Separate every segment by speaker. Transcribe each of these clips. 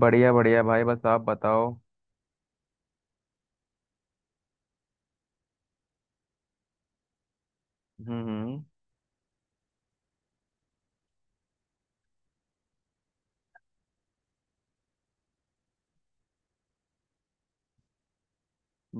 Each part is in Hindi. Speaker 1: बढ़िया बढ़िया भाई, बस आप बताओ। हम्म हम्म।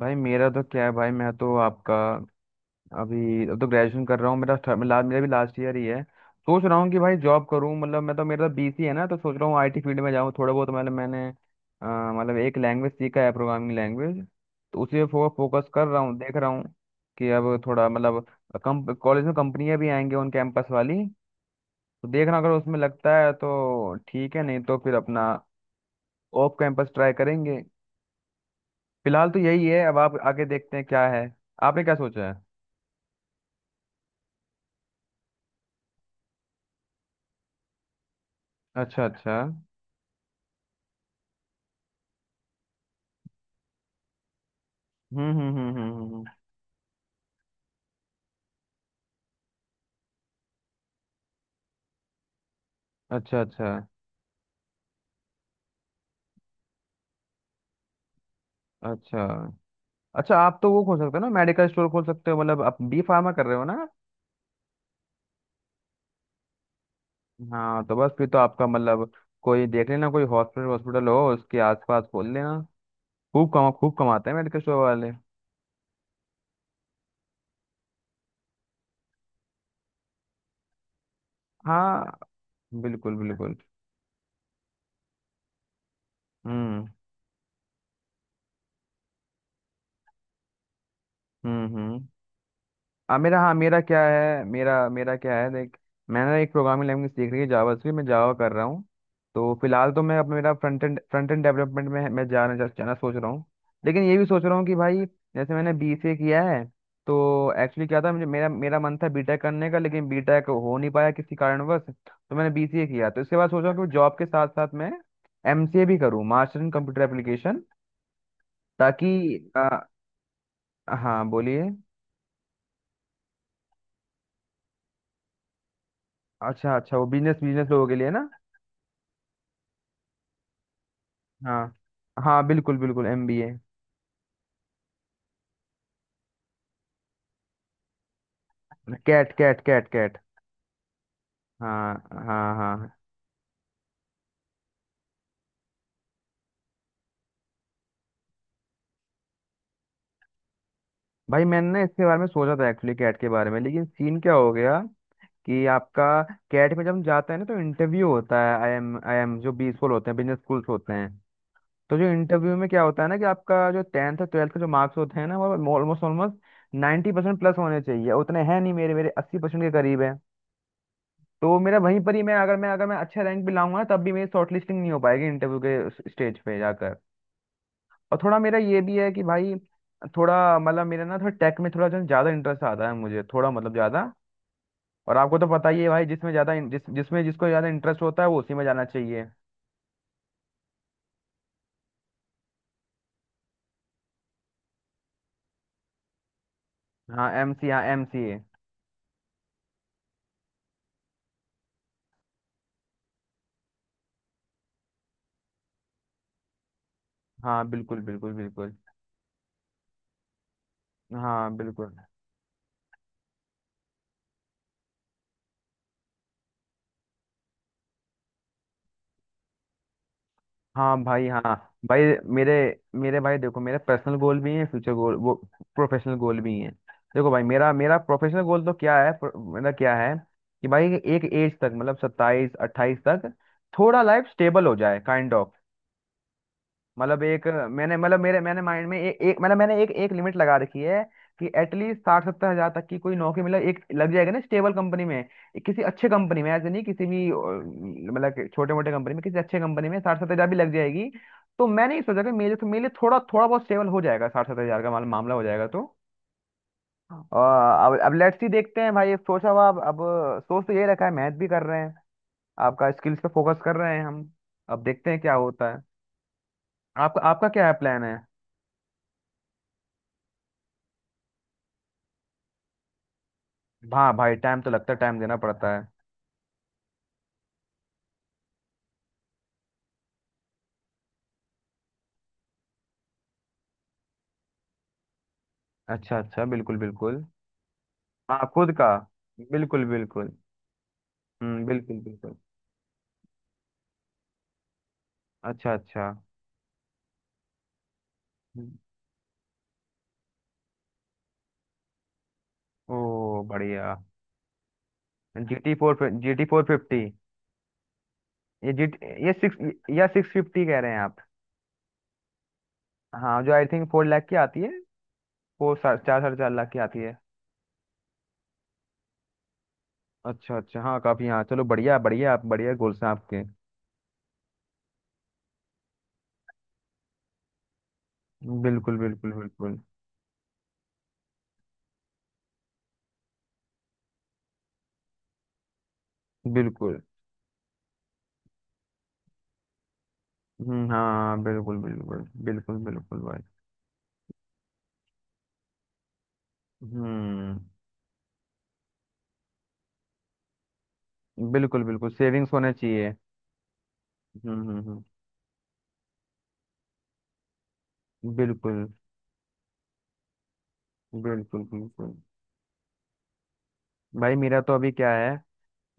Speaker 1: भाई मेरा तो क्या है भाई, मैं तो आपका अभी, अब तो ग्रेजुएशन कर रहा हूँ। मेरा भी लास्ट ईयर ही है। सोच रहा हूँ कि भाई जॉब करूँ, मतलब मैं तो, मेरा तो बीसी है ना, तो सोच रहा हूँ आईटी फील्ड में जाऊँ, थोड़ा बहुत मतलब मतलब एक लैंग्वेज सीखा है, प्रोग्रामिंग लैंग्वेज। तो उसी पे फोकस कर रहा हूँ, देख रहा हूँ कि अब थोड़ा मतलब कम, कॉलेज में कंपनियाँ भी आएंगी ऑन कैंपस वाली, तो देखना अगर उसमें लगता है तो ठीक है, नहीं तो फिर अपना ऑफ कैंपस ट्राई करेंगे। फिलहाल तो यही है, अब आप आगे देखते हैं क्या है। आपने क्या सोचा है? अच्छा अच्छा। हम्म हम्म हम्म हम्म हम्म, हम्म। अच्छा अच्छा। अच्छा अच्छा, आप तो वो खोल सकते हो ना, मेडिकल स्टोर खोल सकते हो, मतलब आप बी फार्मा कर रहे हो ना। हाँ तो बस फिर तो आपका मतलब कोई देख लेना, कोई हॉस्पिटल हॉस्पिटल हो उसके आसपास खोल लेना। खूब कमाते हैं मेडिकल स्टोर वाले। हाँ बिल्कुल बिल्कुल। हम्म हम्म। मेरा हाँ, मेरा क्या है देख, मैंने एक प्रोग्रामिंग लैंग्वेज सीख रही है, जावा से, मैं जावा कर रहा हूँ। तो फिलहाल तो मैं, अब मेरा फ्रंट एंड डेवलपमेंट में मैं जाना सोच रहा हूँ। लेकिन ये भी सोच रहा हूँ कि भाई, जैसे मैंने बीसीए किया है, तो एक्चुअली क्या था, मुझे मेरा मेरा मन था बीटेक करने का, लेकिन बीटेक हो नहीं पाया किसी कारणवश, तो मैंने बीसीए किया। तो इसके बाद सोचा कि जॉब के साथ साथ मैं एमसीए भी करूँ, मास्टर इन कंप्यूटर एप्लीकेशन, ताकि आ, हाँ बोलिए। अच्छा अच्छा, वो बिजनेस बिजनेस लोगों के लिए ना। हाँ, हाँ बिल्कुल बिल्कुल, MBA. CAT, CAT, CAT, CAT. हाँ हाँ हाँ हाँ। भाई मैंने ना इसके बारे में सोचा था, एक्चुअली कैट के बारे में, लेकिन सीन क्या हो गया कि आपका, कैट में जब हम जाते हैं ना तो इंटरव्यू होता है, आई एम जो बी स्कूल होते हैं, बिजनेस स्कूल्स होते हैं, तो जो इंटरव्यू में क्या होता है ना कि आपका जो टेंथ और ट्वेल्थ का जो मार्क्स होते हैं ना, वो ऑलमोस्ट ऑलमोस्ट 90% प्लस होने चाहिए, उतने हैं नहीं मेरे मेरे 80% के करीब है। तो मेरा वहीं पर ही, मैं अगर मैं अगर मैं अच्छे रैंक भी लाऊंगा ना, तब भी मेरी शॉर्ट लिस्टिंग नहीं हो पाएगी इंटरव्यू के स्टेज पे जाकर। और थोड़ा मेरा ये भी है कि भाई, थोड़ा मतलब मेरा ना, थोड़ा टेक में थोड़ा जो है ज्यादा इंटरेस्ट आता है मुझे, थोड़ा मतलब ज्यादा। और आपको तो पता ही है भाई, जिसमें ज्यादा जिसमें जिसको ज्यादा इंटरेस्ट होता है वो उसी में जाना चाहिए। हाँ एम सी ए। हाँ बिल्कुल बिल्कुल बिल्कुल। हाँ बिल्कुल। हाँ भाई। हाँ भाई मेरे मेरे भाई देखो, मेरे पर्सनल गोल भी हैं, फ्यूचर गोल, वो प्रोफेशनल गोल भी हैं। देखो भाई, मेरा मेरा प्रोफेशनल गोल तो क्या है, मेरा क्या है कि भाई, एक एज तक, मतलब 27-28 तक थोड़ा लाइफ स्टेबल हो जाए, काइंड ऑफ। मतलब एक मैंने, मतलब मेरे, मैंने माइंड में एक मतलब मैंने एक एक लिमिट लगा रखी है कि एटलीस्ट 60-70 हज़ार तक की कोई नौकरी, मतलब एक लग जाएगा ना स्टेबल कंपनी में, एक किसी अच्छे कंपनी में, ऐसे नहीं किसी भी मतलब छोटे मोटे कंपनी में, किसी अच्छे कंपनी में 60-70 हज़ार भी लग जाएगी। तो मैंने ये सोचा कि मेरे तो, मेरे लिए थोड़ा, थोड़ा बहुत स्टेबल हो जाएगा, 60-70 हज़ार का मामला हो जाएगा तो अ, अब लेट्स सी देखते हैं भाई, अब सोचा हुआ, अब सोच तो ये रखा है, मैथ भी कर रहे हैं, आपका स्किल्स पे फोकस कर रहे हैं हम। अब देखते हैं क्या होता है। आपका आपका क्या है प्लान है? हाँ भाई, टाइम तो लगता है, टाइम देना पड़ता है। अच्छा अच्छा, बिल्कुल बिल्कुल। हाँ खुद का, बिल्कुल बिल्कुल। बिल्कुल बिल्कुल। अच्छा अच्छा। हम्म। ओ बढ़िया। G T four, G T 450। ये जी, ये सिक्स, या 650 कह रहे हैं आप? हाँ जो आई थिंक 4 लाख की आती है, चार 4.5 लाख की आती है। अच्छा अच्छा, हाँ काफी, हाँ चलो बढ़िया बढ़िया, आप बढ़िया गोल्स हैं आपके। बिल्कुल बिल्कुल बिल्कुल। बिल्कुल। हम्म। हाँ बिल्कुल बिल्कुल बिल्कुल बिल्कुल भाई। हम्म बिल्कुल। बिल्कुल, सेविंग्स होना चाहिए। हम्म। बिल्कुल बिल्कुल बिल्कुल भाई मेरा तो अभी क्या है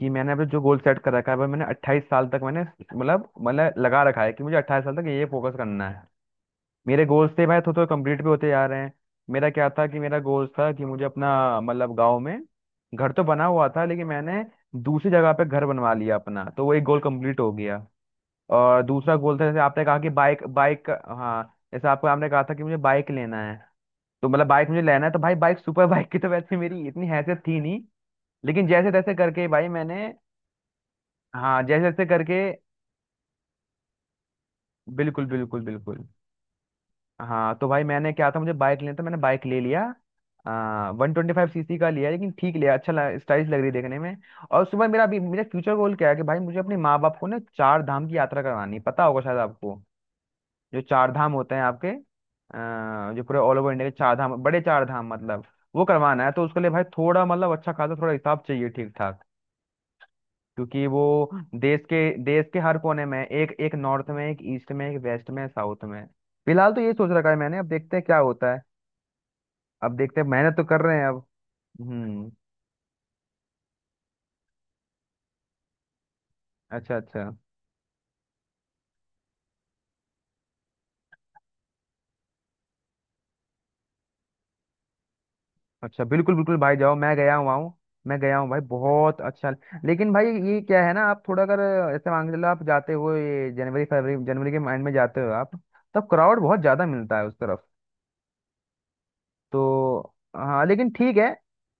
Speaker 1: कि मैंने अभी जो गोल सेट कर रखा है भाई, मैंने 28 साल तक, मैंने मतलब मतलब लगा रखा है कि मुझे 28 साल तक ये फोकस करना है। मेरे गोल्स थे भाई, थोड़ा थोड़ा कंप्लीट भी होते जा रहे हैं। मेरा क्या था, कि मेरा गोल्स था कि मुझे अपना मतलब गाँव में घर तो बना हुआ था, लेकिन मैंने दूसरी जगह पे घर बनवा लिया अपना, तो वो एक गोल कंप्लीट हो गया। और दूसरा गोल था जैसे आपने कहा कि बाइक बाइक, हाँ जैसे आपको, आपने कहा था कि मुझे बाइक लेना है, तो मतलब बाइक मुझे लेना है, तो भाई बाइक, सुपर बाइक की तो वैसे मेरी इतनी हैसियत थी नहीं, लेकिन जैसे तैसे करके भाई मैंने, हाँ जैसे तैसे करके, बिल्कुल बिल्कुल बिल्कुल। हाँ तो भाई मैंने क्या था, मुझे बाइक लेना था, मैंने बाइक ले लिया। 125 सीसी का लिया, लेकिन ठीक लिया, अच्छा स्टाइलिश लग रही देखने में। और सुबह मेरा अभी मेरा फ्यूचर गोल क्या है कि भाई, मुझे अपने माँ बाप को ना चार धाम की यात्रा करवानी है, पता होगा शायद आपको, जो चार धाम होते हैं आपके, जो पूरे ऑल ओवर इंडिया के चार धाम, बड़े चार धाम मतलब, वो करवाना है तो उसके लिए भाई थोड़ा मतलब अच्छा खासा थोड़ा हिसाब चाहिए, ठीक ठाक, क्योंकि वो देश के देश के हर कोने में एक एक, नॉर्थ में एक, ईस्ट में एक, वेस्ट में, साउथ में। फिलहाल तो ये सोच रखा है मैंने, अब देखते हैं क्या होता है। अब देखते हैं, मेहनत तो कर रहे हैं अब। हम्म। अच्छा अच्छा। अच्छा बिल्कुल बिल्कुल भाई, जाओ, मैं गया हुआ हूँ। मैं गया हूँ भाई, बहुत अच्छा। लेकिन भाई ये क्या है ना, आप थोड़ा अगर ऐसे मान के चलो, आप जाते हो ये जनवरी फरवरी, जनवरी के माइंड में जाते हो आप, तब क्राउड बहुत ज्यादा मिलता है उस तरफ। तो हाँ लेकिन ठीक है।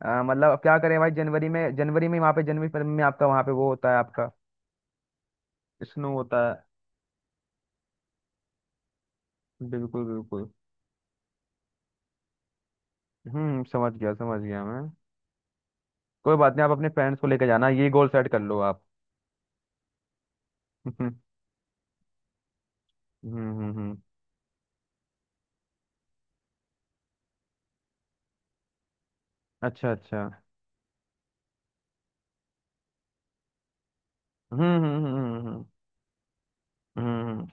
Speaker 1: मतलब अब क्या करें भाई, जनवरी में वहाँ पे जनवरी फरवरी में आपका वहाँ पे वो होता है आपका, स्नो होता है। बिल्कुल बिल्कुल। समझ गया, समझ गया मैं। कोई बात नहीं, आप अपने फ्रेंड्स को लेकर जाना, ये गोल सेट कर लो आप। हम्म हम्म। अच्छा अच्छा। हम्म हम्म हम्म हम्म, हम्म। हम्म।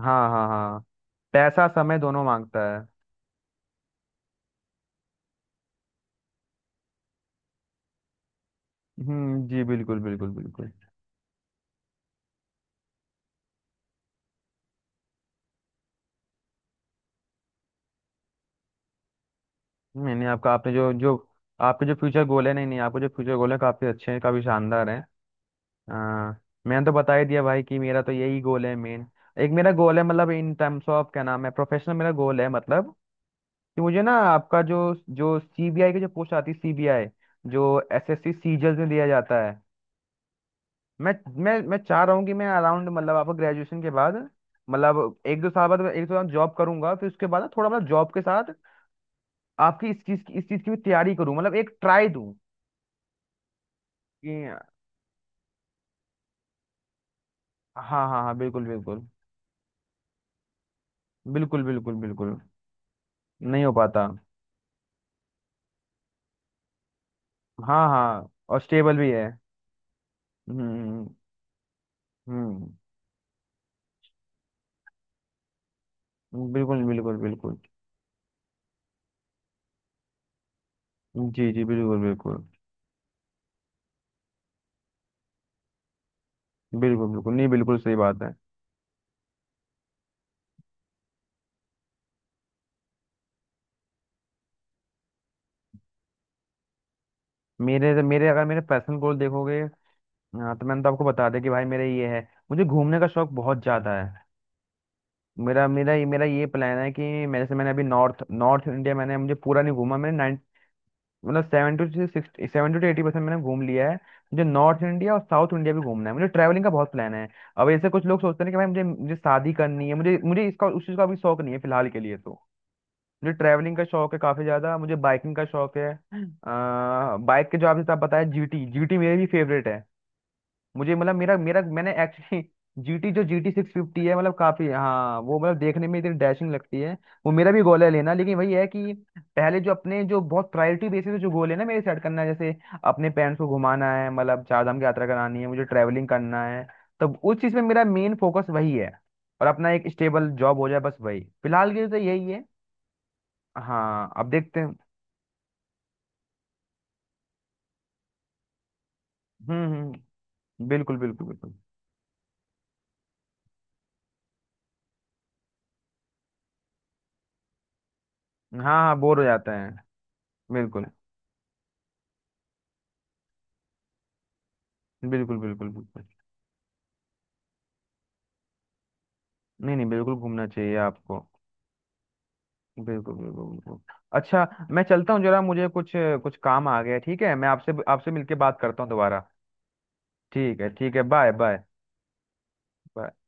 Speaker 1: हाँ हाँ हाँ, पैसा समय दोनों मांगता है। जी बिल्कुल बिल्कुल बिल्कुल। नहीं नहीं आपका आपने जो जो आपके जो फ्यूचर गोल है, नहीं नहीं, आपके जो फ्यूचर गोल है काफी अच्छे हैं, काफी शानदार हैं। आ, मैंने तो बता ही दिया भाई कि मेरा तो यही गोल है मेन। एक मेरा गोल है, मतलब इन टर्म्स ऑफ, क्या नाम है, प्रोफेशनल मेरा गोल है, मतलब कि मुझे ना आपका जो, जो सीबीआई की जो पोस्ट आती है, सीबीआई जो एसएससी सीजीएल में दिया जाता है, मैं मैं चाह रहा हूँ कि मैं अराउंड मतलब आपको, ग्रेजुएशन के बाद, मतलब एक दो साल बाद मैं एक दो साल जॉब करूंगा, फिर उसके बाद ना थोड़ा मतलब जॉब के साथ आपकी इस चीज की भी तैयारी करूँ, मतलब एक ट्राई दूं कि हाँ हाँ हाँ, बिल्कुल बिल्कुल बिल्कुल, बिल्कुल बिल्कुल नहीं हो पाता। हाँ हाँ, और स्टेबल भी है। हम्म हम्म बिल्कुल बिल्कुल बिल्कुल। जी जी बिल्कुल बिल्कुल बिल्कुल। बिल्कुल, नहीं बिल्कुल सही बात है। मेरे मेरे अगर मेरे पर्सनल गोल देखोगे, हाँ तो मैंने तो आपको बता दिया कि भाई मेरा ये है, मुझे घूमने का शौक बहुत ज्यादा है। मेरा मेरा ये प्लान है कि मैं, जैसे मैंने अभी नॉर्थ नॉर्थ इंडिया मैंने, मुझे पूरा नहीं घूमा, मैंने नाइन मतलब 70-80% मैंने घूम लिया है। मुझे नॉर्थ इंडिया और साउथ इंडिया भी घूमना है, मुझे ट्रैवलिंग का बहुत प्लान है। अब ऐसे कुछ लोग सोचते हैं कि भाई मुझे, मुझे शादी करनी है, मुझे मुझे इसका उस चीज़ का भी शौक नहीं है फिलहाल के लिए। तो मुझे ट्रैवलिंग का शौक है काफी ज्यादा, मुझे बाइकिंग का शौक है। बाइक के जो आपने, आप बताया जीटी, मेरी भी फेवरेट है। मुझे मतलब, मेरा मेरा मैंने एक्चुअली, जीटी 650 है मतलब, काफी हाँ, वो मतलब देखने में इतनी डैशिंग लगती है, वो मेरा भी गोल है लेना। लेकिन वही है कि पहले जो अपने जो बहुत प्रायोरिटी बेसिस पे जो गोल है ना मेरे, सेट करना है, जैसे अपने पेरेंट्स को घुमाना है, मतलब चार धाम की यात्रा करानी है, मुझे ट्रैवलिंग करना है, तब उस चीज में मेरा मेन फोकस वही है, और अपना एक स्टेबल जॉब हो जाए बस, वही फिलहाल के लिए तो यही है। हाँ अब देखते हैं। हम्म, बिल्कुल बिल्कुल बिल्कुल। हाँ हाँ, बोर हो जाता है। बिल्कुल बिल्कुल बिल्कुल बिल्कुल। नहीं नहीं, बिल्कुल घूमना चाहिए आपको। बिल्कुल बिल्कुल बिल्कुल। अच्छा मैं चलता हूँ जरा, मुझे कुछ कुछ काम आ गया है, ठीक है, मैं आपसे आपसे मिलके बात करता हूँ दोबारा। ठीक है ठीक है। Bye bye.